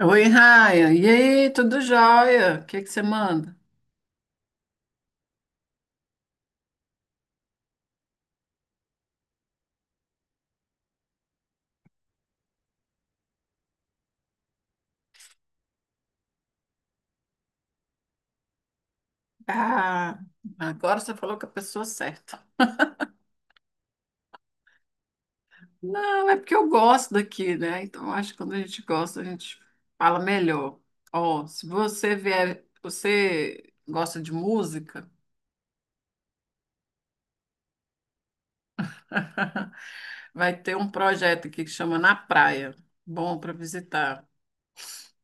Oi, Raia. E aí, tudo jóia? O que é que você manda? Ah, agora você falou com a pessoa certa. Não, é porque eu gosto daqui, né? Então, eu acho que quando a gente gosta, a gente fala melhor. Ó, se você vier, você gosta de música, vai ter um projeto aqui que chama Na Praia. Bom para visitar.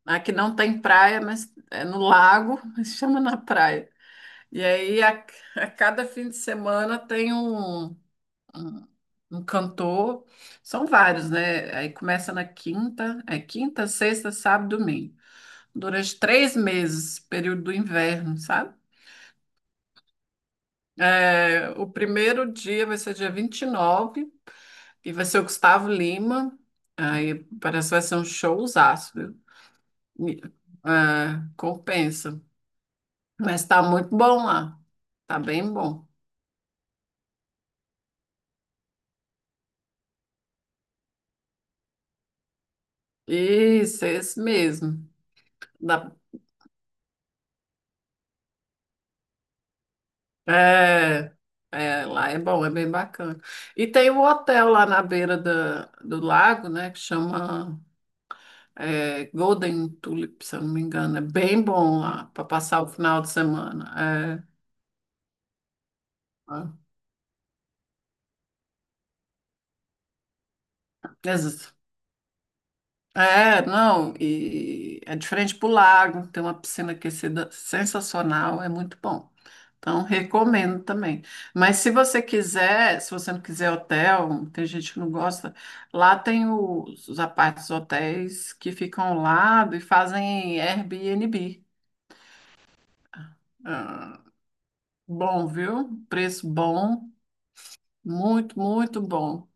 Aqui não tem praia, mas é no lago, mas chama Na Praia. E aí, a cada fim de semana tem um um cantor, são vários, né? Aí começa na quinta, é quinta, sexta, sábado, domingo. Durante três meses, período do inverno, sabe? É, o primeiro dia vai ser dia 29, e nove, e vai ser o Gustavo Lima. Aí parece que vai ser um showzaço, viu? Me- é, compensa. Mas tá muito bom lá. Tá bem bom. Isso, é esse mesmo. Dá é, é, lá é bom, é bem bacana. E tem um hotel lá na beira do lago, né, que chama é, Golden Tulip, se eu não me engano. É bem bom lá para passar o final de semana. É, é. É, não, e é diferente pro lago, tem uma piscina aquecida sensacional, é muito bom. Então, recomendo também. Mas se você não quiser hotel, tem gente que não gosta, lá tem os apartes hotéis que ficam ao lado e fazem Airbnb. Ah, bom, viu? Preço bom, muito bom.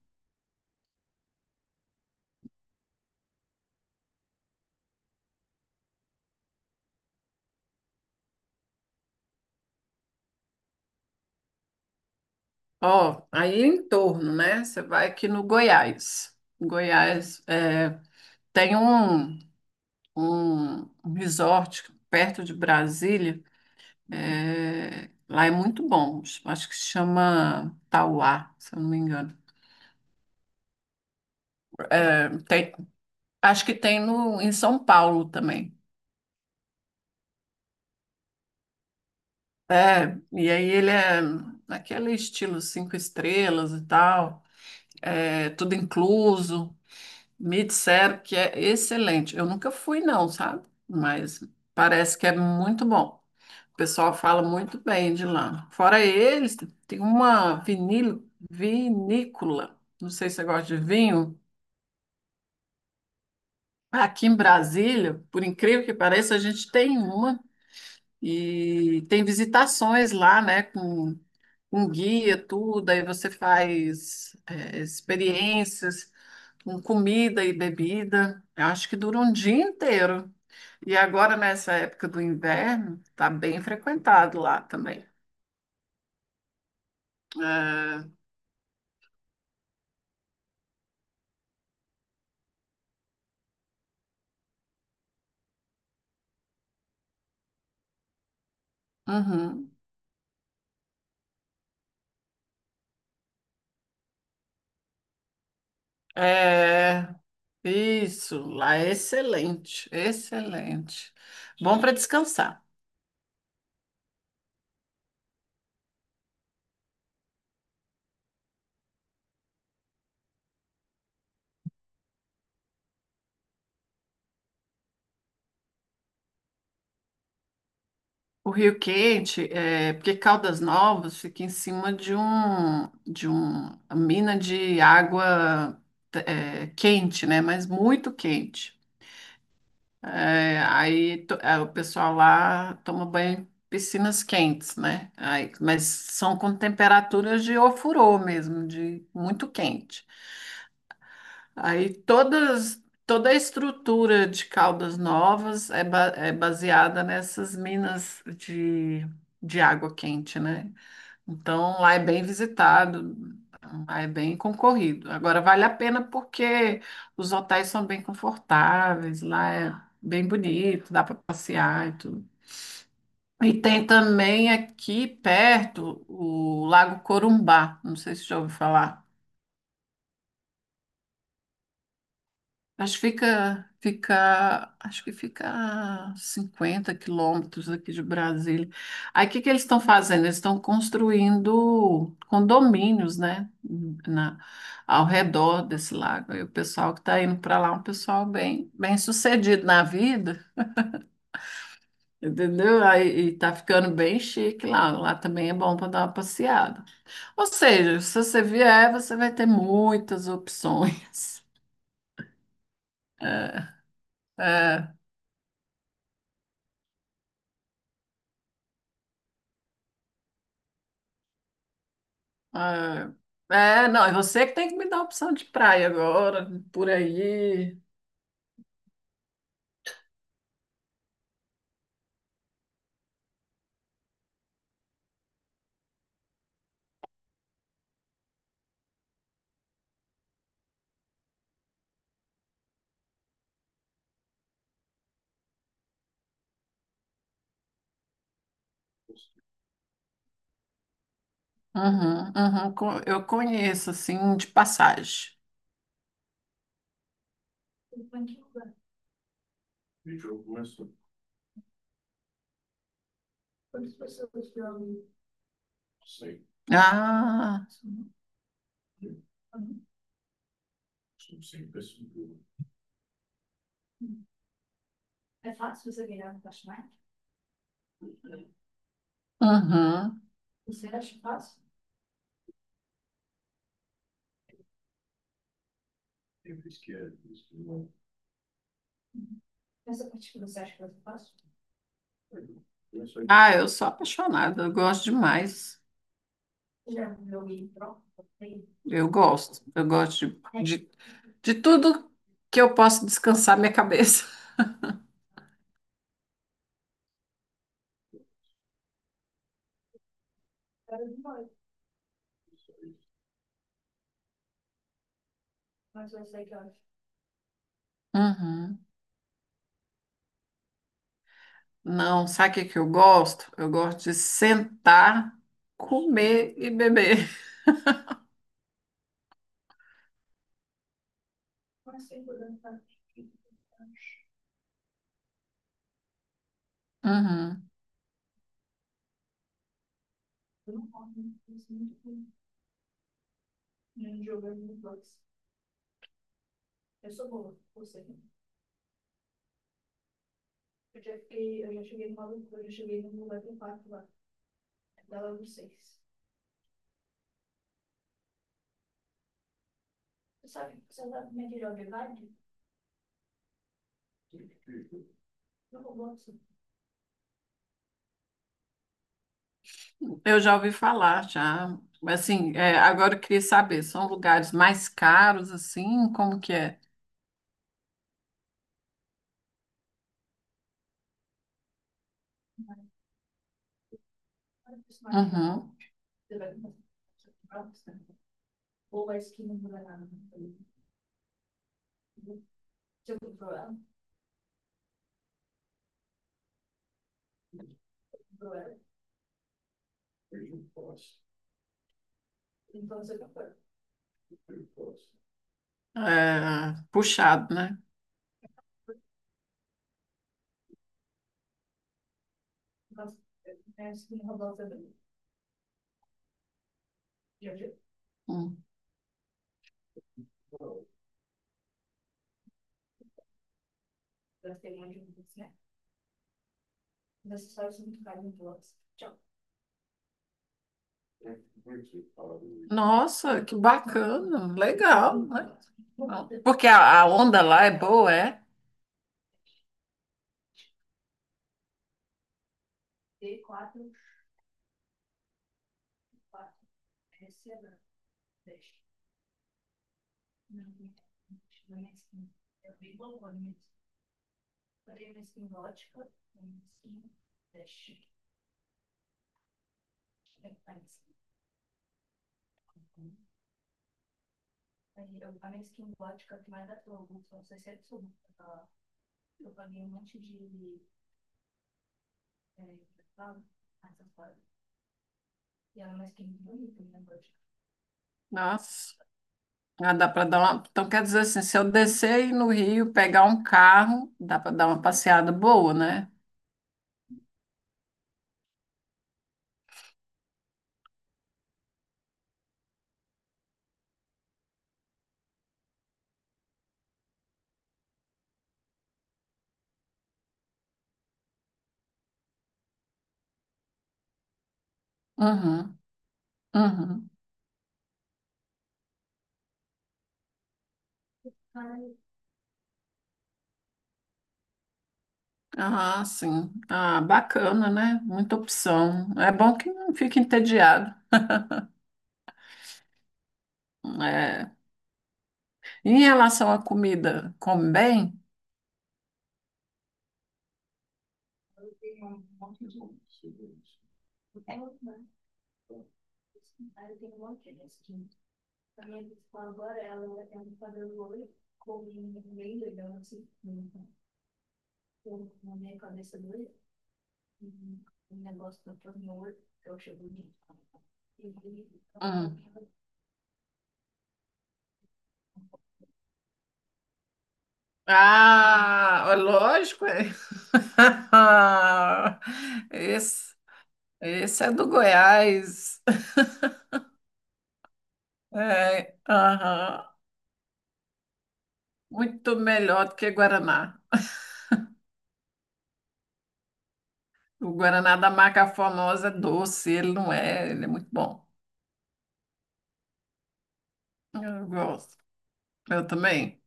Ó, aí é em torno, né? Você vai aqui no Goiás. Goiás é, tem um resort perto de Brasília. É, lá é muito bom. Acho que se chama Tauá, se eu não me engano. É, tem- acho que tem no, em São Paulo também. É, e aí ele é naquele estilo cinco estrelas e tal, é, tudo incluso. Me disseram que é excelente. Eu nunca fui, não, sabe? Mas parece que é muito bom. O pessoal fala muito bem de lá. Fora eles, tem uma vinícola. Não sei se você gosta de vinho. Aqui em Brasília, por incrível que pareça, a gente tem uma e tem visitações lá, né? Com guia, tudo. Aí você faz é, experiências com comida e bebida. Eu acho que dura um dia inteiro. E agora, nessa época do inverno, tá bem frequentado lá também. Uhum. É, isso, lá é excelente, excelente. Bom para descansar. O Rio Quente, é, porque Caldas Novas fica em cima uma mina de água é, quente, né? Mas muito quente. É, é, o pessoal lá toma banho em piscinas quentes, né? Aí, mas são com temperaturas de ofurô mesmo, de muito quente. Toda a estrutura de Caldas Novas é, é baseada nessas minas de água quente, né? Então lá é bem visitado, lá é bem concorrido. Agora vale a pena porque os hotéis são bem confortáveis, lá é bem bonito, dá para passear e tudo. E tem também aqui perto o Lago Corumbá, não sei se já ouviu falar. Acho que acho que fica a 50 quilômetros aqui de Brasília. Aí o que que eles estão fazendo? Eles estão construindo condomínios, né, na, ao redor desse lago. Aí o pessoal que está indo para lá é um pessoal bem sucedido na vida, entendeu? Aí e tá ficando bem chique lá. Lá também é bom para dar uma passeada. Ou seja, se você vier, você vai ter muitas opções. Ah, é, não, é você que tem que me dar a opção de praia agora, por aí. Uhum, uhum, eu conheço, assim, de passagem. Ah, uhum. Ah, eu sou apaixonada, eu gosto demais. Eu gosto de, de tudo que eu posso descansar minha cabeça. Uhum. Não, sabe o que que eu gosto? Eu gosto de sentar, comer e beber. Uhum. Eu já ouvi falar, já. Mas assim, é, agora eu queria saber, são lugares mais caros, assim, como que é? Uhum. É, puxado, né? Hum. Nossa, que bacana, legal, né? Porque a onda lá é boa, é? Nossa, ah, dá para dar uma. Então, quer dizer assim, se eu descer aí no Rio, pegar um carro, dá para dar uma passeada boa, né? Uhum, uhum. Ah, sim. Ah, bacana, né? Muita opção. É bom que não fique entediado. É. Em relação à comida, come bem? Hum. Ah, é lógico. É. Esse, esse é do Goiás. É, aham. Muito melhor do que Guaraná. O Guaraná da marca famosa é doce, ele não é, ele é muito bom. Eu gosto. Eu também.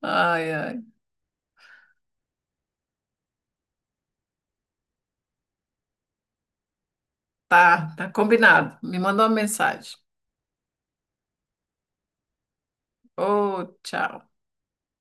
Ai, ai. Tá, tá combinado. Me manda uma mensagem. Ô, tchau.